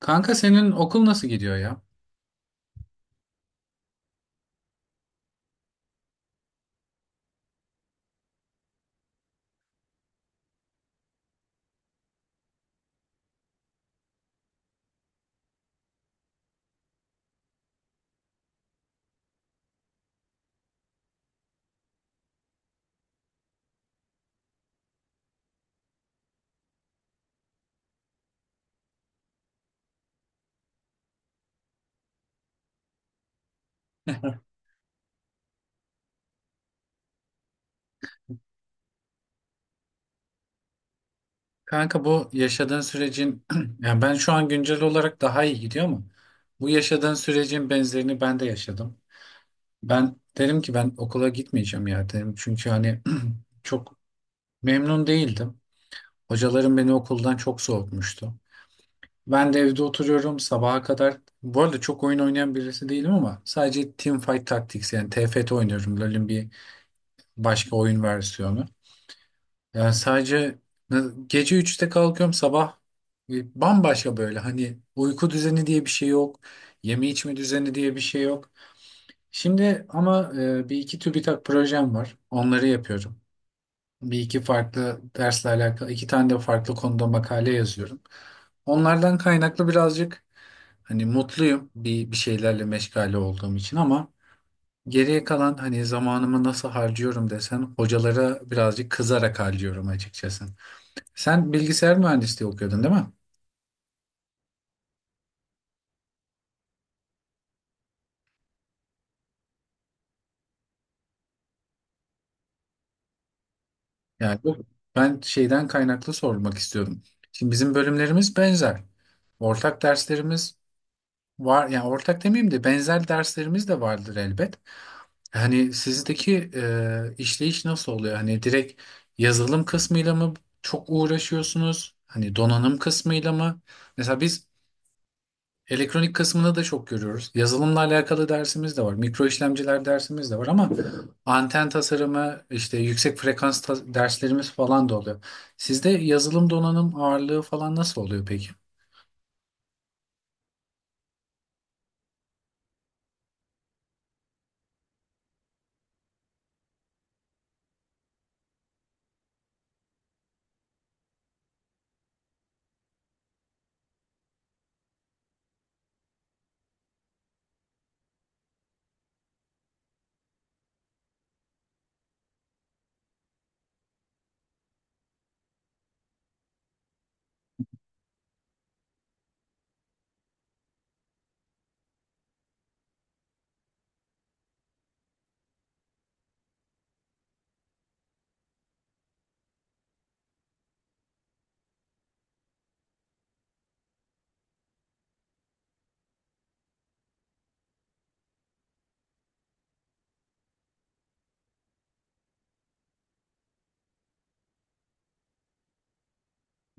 Kanka senin okul nasıl gidiyor ya? Kanka bu yaşadığın sürecin ben şu an güncel olarak daha iyi gidiyor mu? Bu yaşadığın sürecin benzerini ben de yaşadım. Ben dedim ki ben okula gitmeyeceğim ya dedim. Çünkü hani çok memnun değildim. Hocalarım beni okuldan çok soğutmuştu. Ben de evde oturuyorum sabaha kadar. Bu arada çok oyun oynayan birisi değilim ama sadece Teamfight Tactics yani TFT oynuyorum. LoL'ün bir başka oyun versiyonu. Yani sadece ne- Gece 3'te kalkıyorum sabah. Bambaşka, böyle hani uyku düzeni diye bir şey yok. Yeme içme düzeni diye bir şey yok. Şimdi ama bir iki TÜBİTAK projem var. Onları yapıyorum. Bir iki farklı dersle alakalı iki tane de farklı konuda makale yazıyorum. Onlardan kaynaklı birazcık hani mutluyum bir şeylerle meşgale olduğum için, ama geriye kalan hani zamanımı nasıl harcıyorum desen, hocalara birazcık kızarak harcıyorum açıkçası. Sen bilgisayar mühendisliği okuyordun değil mi? Yani bu, ben şeyden kaynaklı sormak istiyordum. Şimdi bizim bölümlerimiz benzer. Ortak derslerimiz var. Yani ortak demeyeyim de, benzer derslerimiz de vardır elbet. Hani sizdeki işleyiş nasıl oluyor? Hani direkt yazılım kısmıyla mı çok uğraşıyorsunuz? Hani donanım kısmıyla mı? Mesela biz elektronik kısmında da çok görüyoruz. Yazılımla alakalı dersimiz de var. Mikro işlemciler dersimiz de var, ama anten tasarımı, işte derslerimiz falan da oluyor. Sizde yazılım donanım ağırlığı falan nasıl oluyor peki?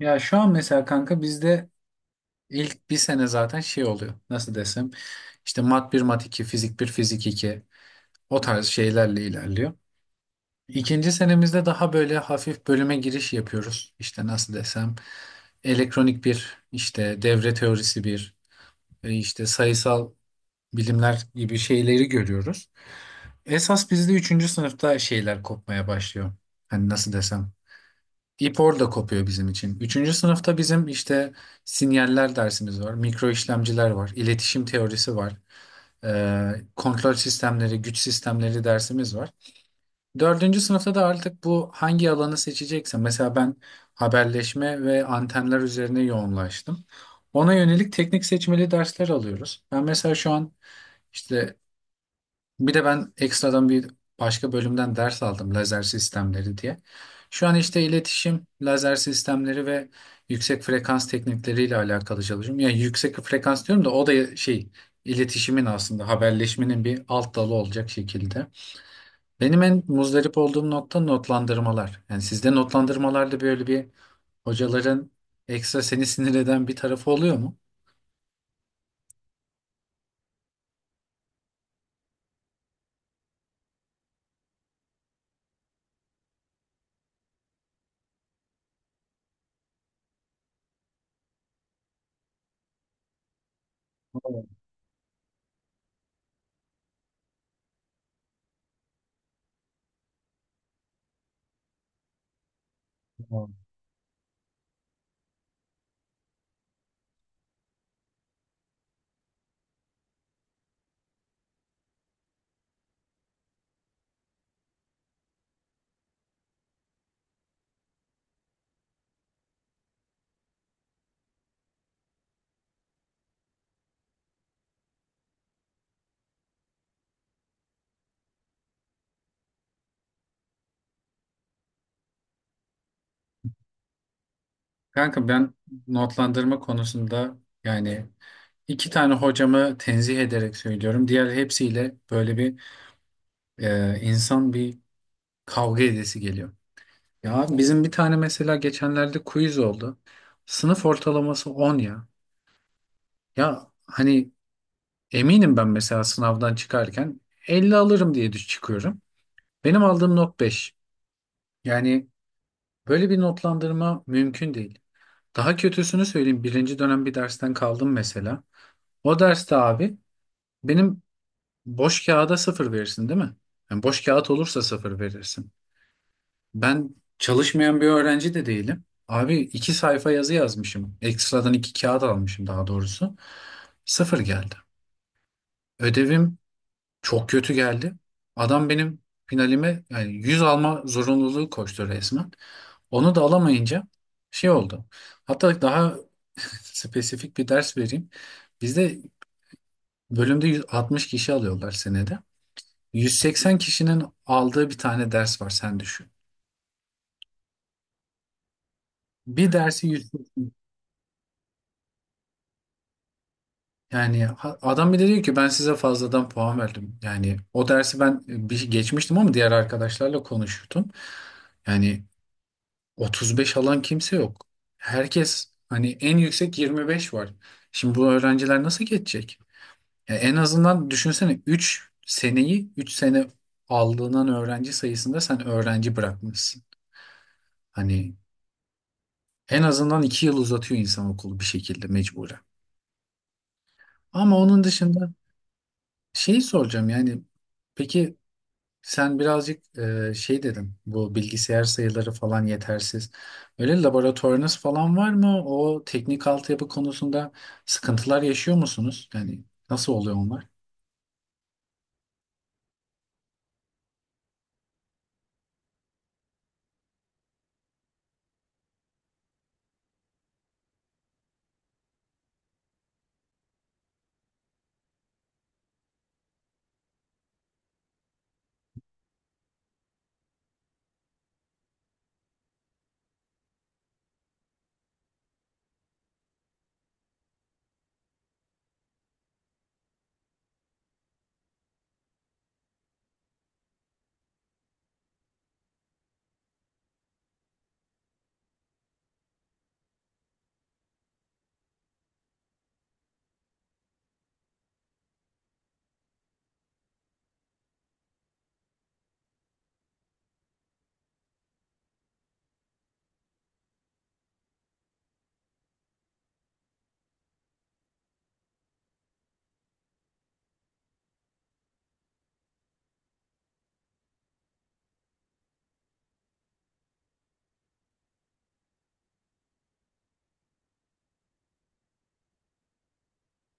Ya şu an mesela kanka bizde ilk bir sene zaten şey oluyor. Nasıl desem? İşte mat bir, mat 2, fizik bir, fizik iki, o tarz şeylerle ilerliyor. İkinci senemizde daha böyle hafif bölüme giriş yapıyoruz. İşte nasıl desem? Elektronik bir, işte devre teorisi bir. İşte sayısal bilimler gibi şeyleri görüyoruz. Esas bizde üçüncü sınıfta şeyler kopmaya başlıyor. Hani nasıl desem. İp orada kopuyor bizim için. Üçüncü sınıfta bizim işte sinyaller dersimiz var, mikro işlemciler var, iletişim teorisi var, kontrol sistemleri, güç sistemleri dersimiz var. Dördüncü sınıfta da artık bu hangi alanı seçecekse, mesela ben haberleşme ve antenler üzerine yoğunlaştım. Ona yönelik teknik seçmeli dersler alıyoruz. Ben mesela şu an işte, bir de ben ekstradan bir başka bölümden ders aldım, lazer sistemleri diye. Şu an işte iletişim, lazer sistemleri ve yüksek frekans teknikleriyle alakalı çalışıyorum. Yani yüksek frekans diyorum da, o da şey, iletişimin, aslında haberleşmenin bir alt dalı olacak şekilde. Benim en muzdarip olduğum nokta notlandırmalar. Yani sizde notlandırmalarda böyle bir hocaların ekstra seni sinir eden bir tarafı oluyor mu? Evet, evet. Kanka ben notlandırma konusunda, yani İki tane hocamı tenzih ederek söylüyorum. Diğer hepsiyle böyle bir insan bir kavga edesi geliyor. Ya bizim bir tane mesela geçenlerde quiz oldu. Sınıf ortalaması 10 ya. Ya hani eminim ben mesela sınavdan çıkarken 50 alırım diye düş çıkıyorum. Benim aldığım not 5. Yani böyle bir notlandırma mümkün değil. Daha kötüsünü söyleyeyim. Birinci dönem bir dersten kaldım mesela. O derste abi benim, boş kağıda sıfır verirsin değil mi? Yani boş kağıt olursa sıfır verirsin. Ben çalışmayan bir öğrenci de değilim. Abi iki sayfa yazı yazmışım. Ekstradan iki kağıt almışım daha doğrusu. Sıfır geldi. Ödevim çok kötü geldi. Adam benim finalime, yani 100 alma zorunluluğu koştu resmen. Onu da alamayınca şey oldu. Hatta daha spesifik bir ders vereyim. Bizde bölümde 160 kişi alıyorlar senede. 180 kişinin aldığı bir tane ders var sen düşün. Bir dersi 100, adam bile diyor ki ben size fazladan puan verdim. Yani o dersi ben bir geçmiştim, ama diğer arkadaşlarla konuşuyordum. Yani 35 alan kimse yok. Herkes, hani en yüksek 25 var. Şimdi bu öğrenciler nasıl geçecek? Ya en azından düşünsene, 3 seneyi 3 sene aldığından öğrenci sayısında sen öğrenci bırakmışsın. Hani en azından iki yıl uzatıyor insan okulu bir şekilde mecburen. Ama onun dışında şeyi soracağım, yani peki sen birazcık şey dedin, bu bilgisayar sayıları falan yetersiz. Öyle laboratuvarınız falan var mı? O teknik altyapı konusunda sıkıntılar yaşıyor musunuz? Yani nasıl oluyor onlar?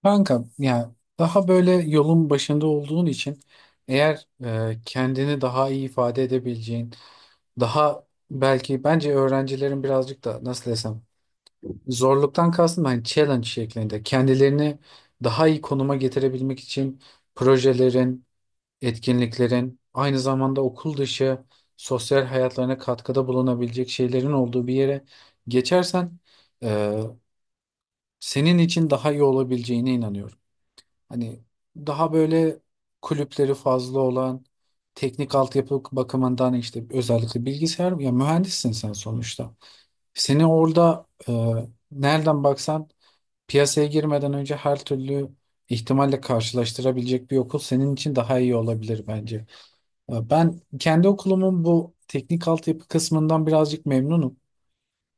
Kanka ya, daha böyle yolun başında olduğun için, eğer kendini daha iyi ifade edebileceğin, daha, belki bence öğrencilerin birazcık da nasıl desem, zorluktan kastım hani challenge şeklinde. Kendilerini daha iyi konuma getirebilmek için projelerin, etkinliklerin, aynı zamanda okul dışı sosyal hayatlarına katkıda bulunabilecek şeylerin olduğu bir yere geçersen, e, senin için daha iyi olabileceğine inanıyorum. Hani daha böyle kulüpleri fazla olan, teknik altyapı bakımından işte özellikle bilgisayar, ya mühendissin sen sonuçta. Seni orada nereden baksan piyasaya girmeden önce her türlü ihtimalle karşılaştırabilecek bir okul senin için daha iyi olabilir bence. Ben kendi okulumun bu teknik altyapı kısmından birazcık memnunum.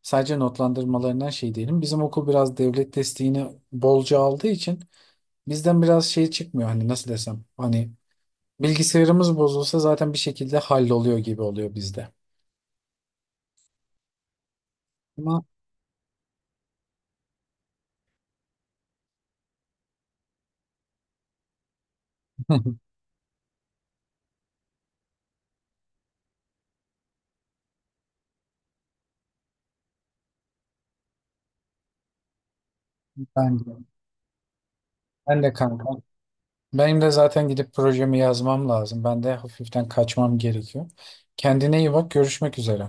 Sadece notlandırmalarından şey değilim. Bizim okul biraz devlet desteğini bolca aldığı için bizden biraz şey çıkmıyor. Hani nasıl desem, hani bilgisayarımız bozulsa zaten bir şekilde halloluyor gibi oluyor bizde. Ama ben de, ben de kanka. Benim de zaten gidip projemi yazmam lazım. Ben de hafiften kaçmam gerekiyor. Kendine iyi bak, görüşmek üzere.